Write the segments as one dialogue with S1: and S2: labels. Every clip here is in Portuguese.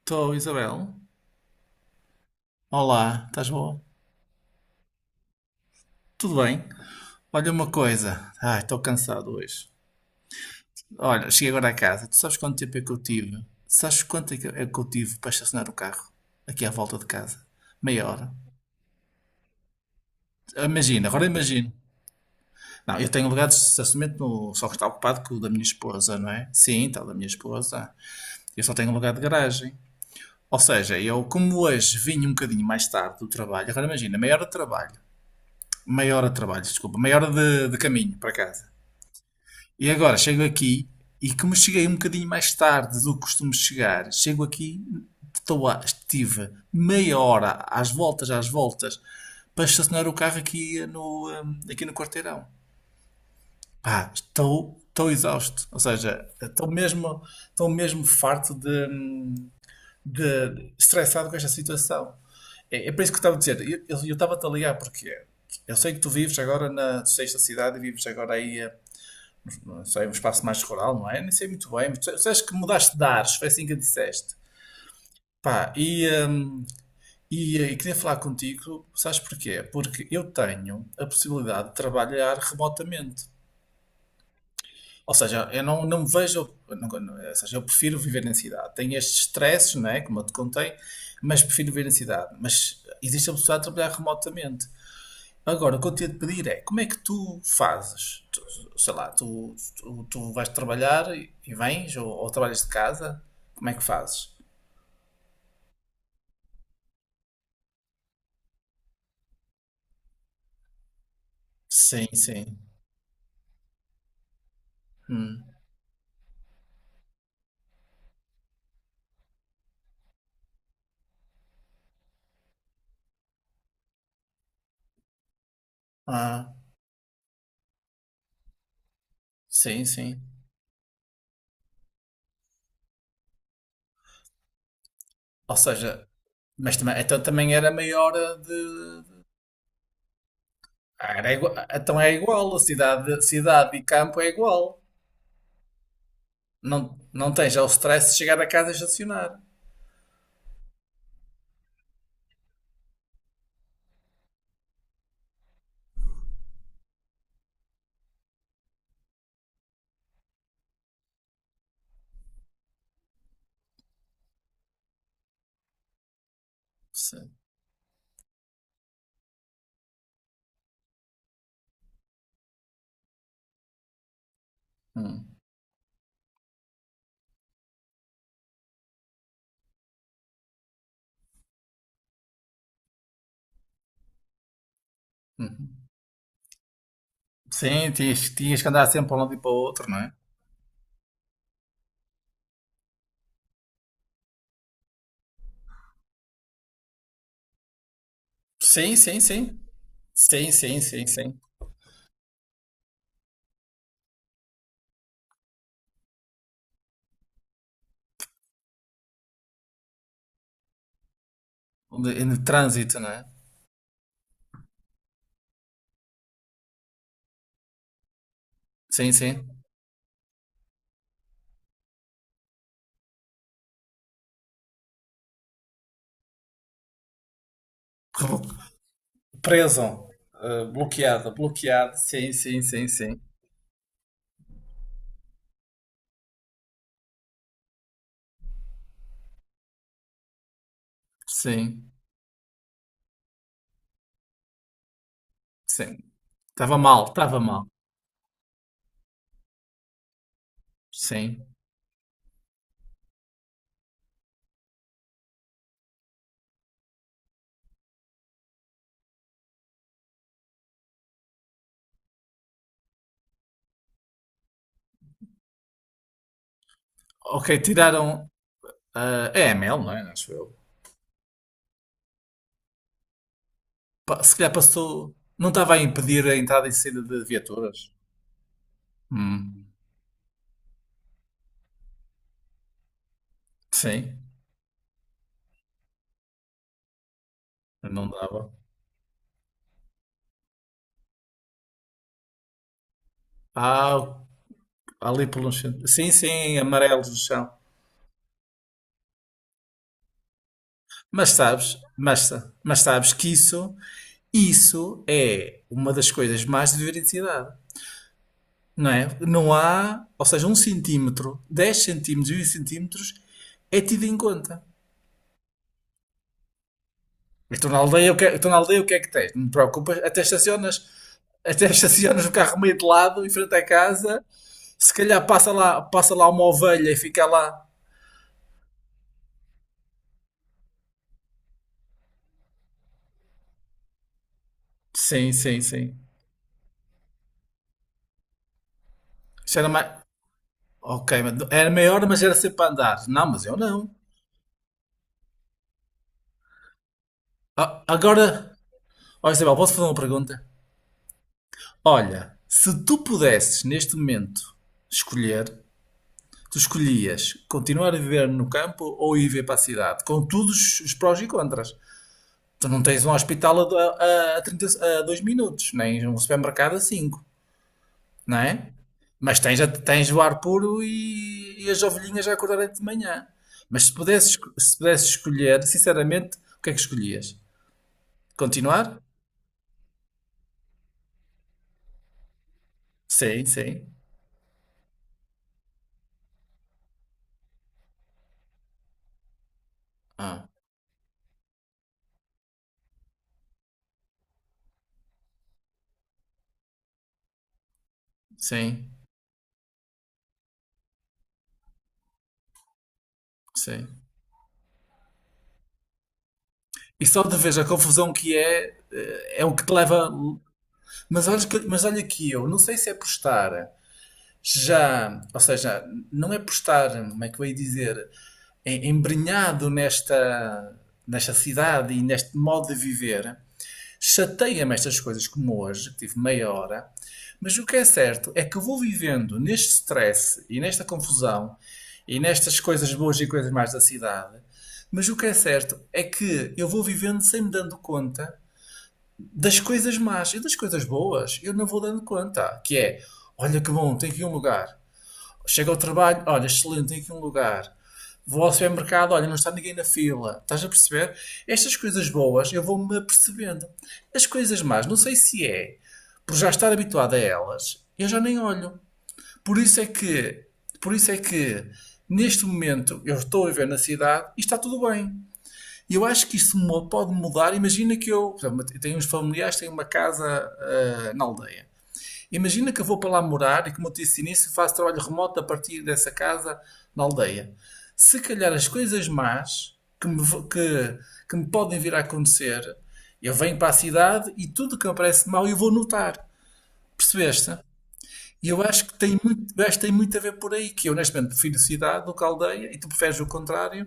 S1: Estou, Isabel. Olá, estás bom? Tudo bem? Olha uma coisa. Ai, estou cansado hoje. Olha, cheguei agora a casa. Tu sabes quanto tempo é que eu tive? Sabes quanto é que eu tive para estacionar o carro? Aqui à volta de casa. Meia hora. Imagina, agora imagino. Não, eu tenho lugar de estacionamento no só que está ocupado com o da minha esposa, não é? Sim, está o da minha esposa. Eu só tenho um lugar de garagem. Ou seja, eu, como hoje vim um bocadinho mais tarde do trabalho, agora imagina, meia hora de trabalho. Meia hora de trabalho, desculpa. Meia hora de caminho para casa. E agora chego aqui e como cheguei um bocadinho mais tarde do que costumo chegar, chego aqui, estive meia hora às voltas, para estacionar o carro aqui no quarteirão. Pá, estou exausto. Ou seja, estou mesmo farto de estressado com esta situação. É por isso que eu estava a dizer, eu estava-te a ligar porque eu sei que tu vives agora na sexta cidade e vives agora aí só é um espaço mais rural, não é? Nem sei muito bem, mas tu sabes que mudaste de ares, foi assim que disseste. Pá, e queria falar contigo, sabes porquê? Porque eu tenho a possibilidade de trabalhar remotamente. Ou seja, eu não, não me vejo, ou seja, eu prefiro viver na cidade. Tenho estes estresses, não é? Como eu te contei, mas prefiro viver na cidade. Mas existe a possibilidade de trabalhar remotamente. Agora, o que eu tinha de pedir é como é que tu fazes? Sei lá, tu vais trabalhar e vens ou trabalhas de casa? Como é que fazes? Sim, sim. Hum. Ah, sim, sim. Ou seja, mas também, então também era maior a de. Ah, era igua- então é igual, a cidade, cidade e campo é igual. Não, não tens já o stress de chegar a casa e estacionar. Sim. Hum, hum. Sim, tinhas, tinhas que andar sempre para um lado e para o outro, não é? Sim, sim, sim. Sim, sim, sim, sim. De- no trânsito, não é? Sim, sim. Reblo- preso. Eh, bloqueado, bloqueado. Sim, sim, sim, sim. Sim, sim. Estava mal, estava mal. Sim. Ok, tiraram ah, a EML, não é? Acho eu. Pa- se calhar passou. Não estava a impedir a entrada e saída de viaturas? Hum, sim, não dava. Ah, ali pelo chão. Sim, sim, amarelos no chão. Mas sabes que isso é uma das coisas mais de veracidade, não é? Não há, ou seja, um centímetro, 10 centímetros, 20 centímetros é tido em conta. Estou na aldeia, o que é, estou na aldeia, o que é que tens? Não te preocupas, até estacionas, até estacionas o carro meio de lado, em frente à casa, se calhar passa lá uma ovelha e fica lá. Sim, sim, sim. Isso era mais. Ok, mas era maior, mas era sempre para andar. Não, mas eu não. A- agora, ó Isabel, posso fazer uma pergunta? Olha, se tu pudesses neste momento escolher, tu escolhias continuar a viver no campo ou ir ver para a cidade, com todos os prós e contras. Tu não tens um hospital a 30 a 2 minutos, nem um supermercado a 5, não é? Mas tens, a- tens o ar puro e as ovelhinhas a acordarem de manhã. Mas se pudesses, esco- se pudesses escolher, sinceramente, o que é que escolhias? Continuar? Sim, sim. Ah, sim, sim. E só de vez a confusão que é, eh, é o que te leva. Mas olha que eu, não sei se é por estar já, ou seja, não é por estar, como é que eu ia dizer, em- embrenhado nesta, nesta cidade e neste modo de viver, chateia-me estas coisas como hoje, que tive meia hora, mas o que é certo é que eu vou vivendo neste stress e nesta confusão e nestas coisas boas e coisas mais da cidade, mas o que é certo é que eu vou vivendo sem me dando conta das coisas más e das coisas boas. Eu não vou dando conta. Que é, olha que bom, tem aqui um lugar. Chego ao trabalho, olha, excelente, tem aqui um lugar. Vou ao supermercado, olha, não está ninguém na fila. Estás a perceber? Estas coisas boas eu vou-me apercebendo. As coisas más, não sei se é por já estar habituado a elas, eu já nem olho. Por isso é que, por isso é que neste momento eu estou a viver na cidade e está tudo bem. E eu acho que isso pode mudar. Imagina que eu tenho uns familiares, tenho uma casa na aldeia. Imagina que eu vou para lá morar e, como eu disse no início, faço trabalho remoto a partir dessa casa na aldeia. Se calhar as coisas más que, que me podem vir a acontecer, eu venho para a cidade e tudo que me parece mal eu vou notar. Percebeste? E eu acho que tem muito, eu acho que tem muito a ver por aí, que eu honestamente prefiro cidade do que aldeia e tu preferes o contrário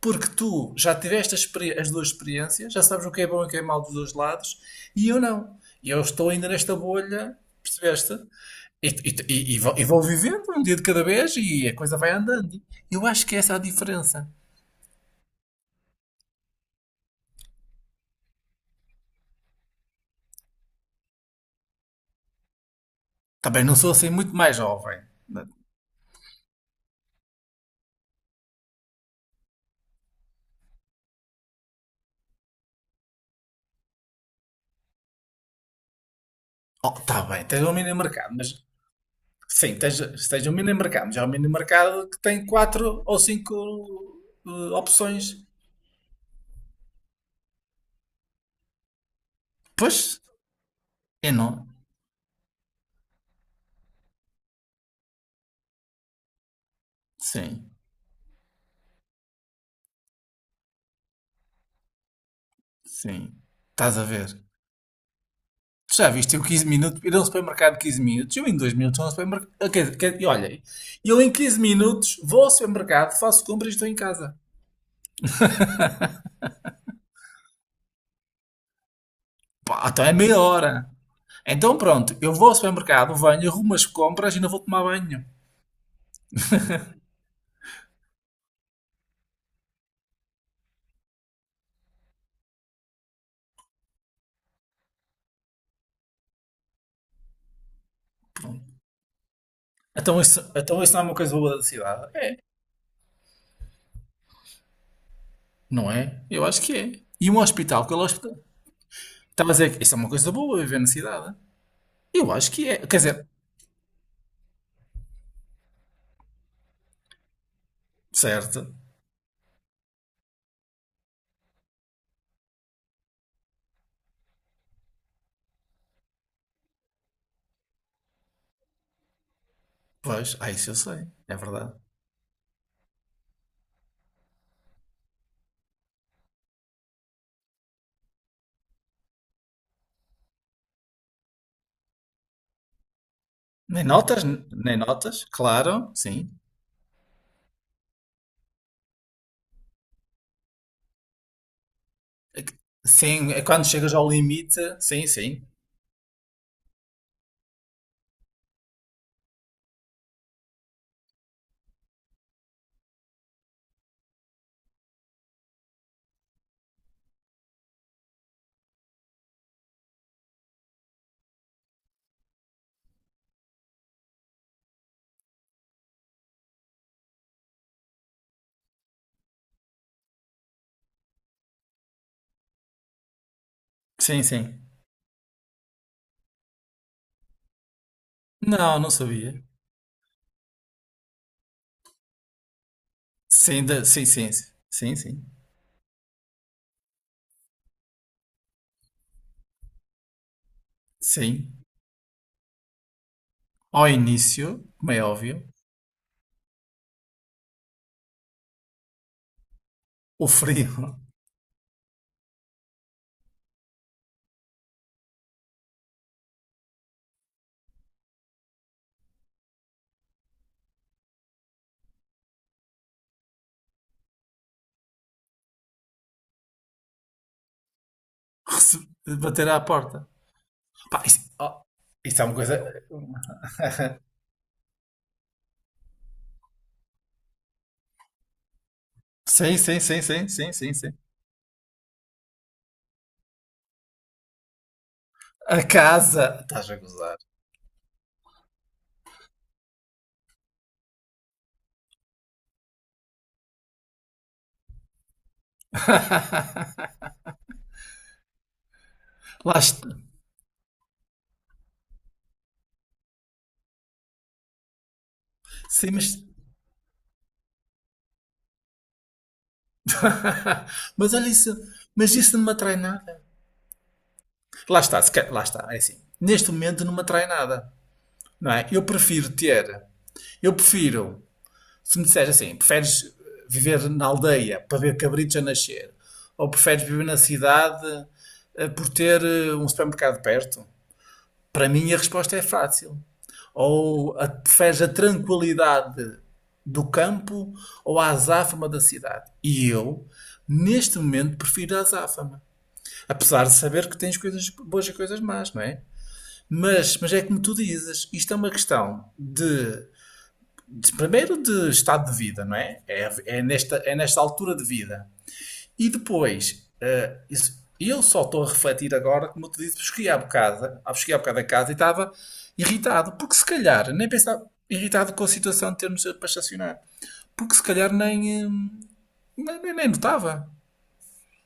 S1: porque tu já tiveste as duas experiências, já sabes o que é bom e o que é mau dos dois lados, e eu não. E eu estou ainda nesta bolha, percebeste? E vou vivendo um dia de cada vez e a coisa vai andando. Eu acho que essa é a diferença. Também não sou assim muito mais jovem. Oh, tá bem, tens um mini mercado, mas sim, tens, tens um mini mercado, mas é um mini mercado que tem quatro ou cinco opções. Pois, eu não. Sim, sim. Estás a ver. Tu já viste eu 15 minutos, ir a um supermercado de 15 minutos, eu em 2 minutos vou ao supermercado. Quer, quer, e olhem, eu em 15 minutos vou ao supermercado, faço compras e estou em casa. Pá, então é meia hora. Então pronto, eu vou ao supermercado, venho, arrumo as compras e não vou tomar banho. Pronto. Então isso não é uma coisa boa da cidade? É, não é? Eu acho que é. E um hospital, que é o hospital. Estava a dizer que isso é uma coisa boa viver na cidade. Eu acho que é. Quer dizer, certo. Pois, ah, isso eu sei. É verdade. Nem notas, nem notas, claro, sim. Sim, é quando chegas ao limite. Sim, sim. Sim, sim. Não, não sabia. Sim, da- sim, sim. Sim, sim. Sim. Ao início, como é óbvio, o frio bater à porta. Pá, isso, oh, isso é uma coisa. Sim, sim, sim, sim, sim, sim, sim. A casa. Estás a gozar. Lá está. Sim, mas. Mas olha isso. Mas isso não me atrai nada. Lá está, se quer- lá está. É assim. Neste momento não me atrai nada. Não é? Eu prefiro ter. Eu prefiro, se me disseres assim, preferes viver na aldeia para ver cabritos a nascer? Ou preferes viver na cidade por ter um supermercado perto? Para mim a resposta é fácil. Ou a, preferes a tranquilidade do campo ou a azáfama da cidade? E eu, neste momento, prefiro a azáfama. Apesar de saber que tens coisas boas e coisas más, não é? Mas é como tu dizes, isto é uma questão de primeiro de estado de vida, não é? É, é nesta altura de vida. E depois, eh, isso- eu só estou a refletir agora, como eu te disse, cheguei há bocado, ah, cheguei há bocado a casa e estava irritado, porque se calhar, nem pensava, irritado com a situação de termos para estacionar, porque se calhar nem, nem, nem notava,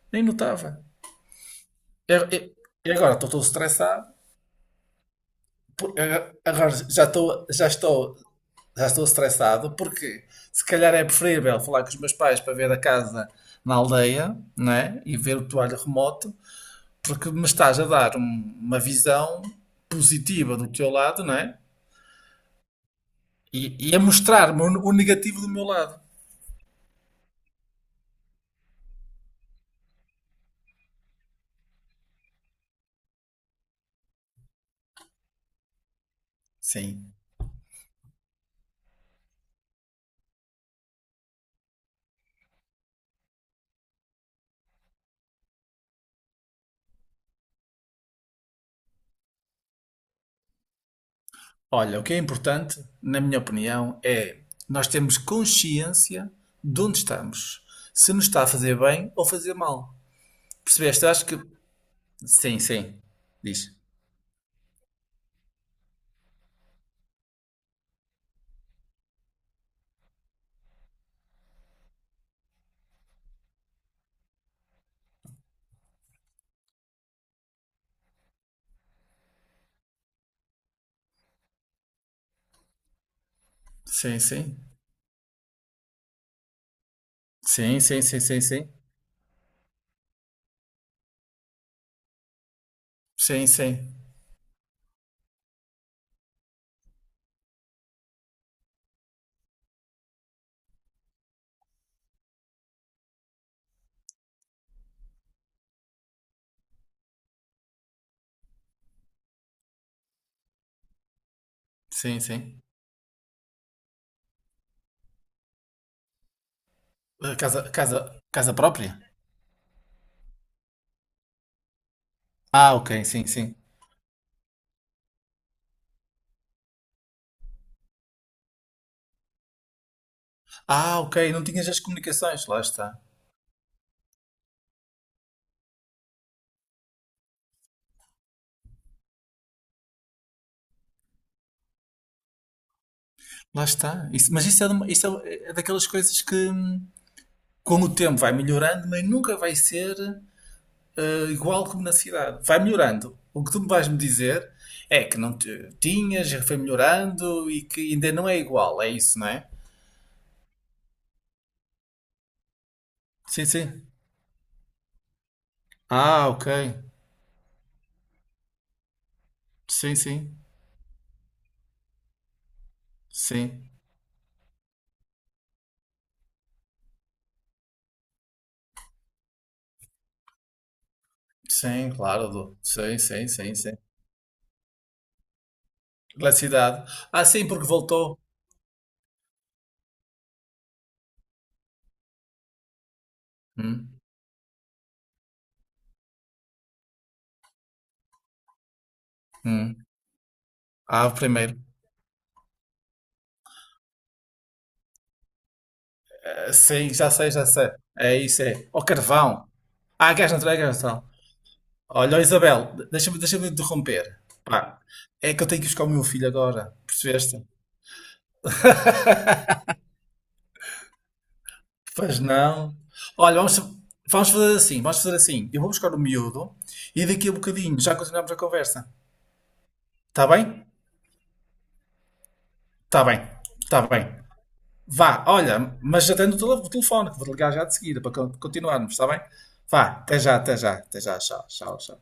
S1: nem notava. E e- e agora estou todo estressado, agora já estou, já estou já estou estressado porque se calhar é preferível falar com os meus pais para ver a casa na aldeia, né? E ver o toalho remoto, porque me estás a dar uma visão positiva do teu lado, né? E a mostrar-me o negativo do meu lado. Sim. Olha, o que é importante, na minha opinião, é nós termos consciência de onde estamos, se nos está a fazer bem ou fazer mal. Percebeste? Eu acho que sim, sim. Diz. Sim, sim. Sim, sim, sim, sim, sim. Sim, sim. Sim, sim. Ah, casa, casa, casa própria? Ah, ok, sim, sim. Ah, ok, não tinhas as comunicações, lá está. Lá está. Isso- mas isso, é, de uma- isso é, é daquelas coisas que com o tempo vai melhorando, mas nunca vai ser igual como na cidade. Vai melhorando. O que tu me vais me dizer é que não te- tinhas, já foi melhorando e que ainda não é igual, é isso, não é? Sim, sim. Ah, ok. Sim, sim. Sim. Sim, claro. Sim, sim, sim, sim. Da cidade. Ah, sim, porque voltou. Hum, hum. Ah, o primeiro. Ah, sim, já sei, já sei. É isso, é. Ó carvão. Ah, gás natural, gás natural. Olha, ó, Isabel, deixa-me deixa-me interromper. Pá, é que eu tenho que buscar o meu filho agora. Percebeste? Pois não. Olha, vamos, vamos fazer assim, vamos fazer assim. Eu vou buscar o miúdo e daqui a bocadinho já continuamos a conversa. Está bem? Está bem. Está bem. Vá, olha, mas já tenho o o telefone, que vou ligar já de seguida para continuarmos, está bem? Vá, até já, até já, até já, tchau, tchau, tchau.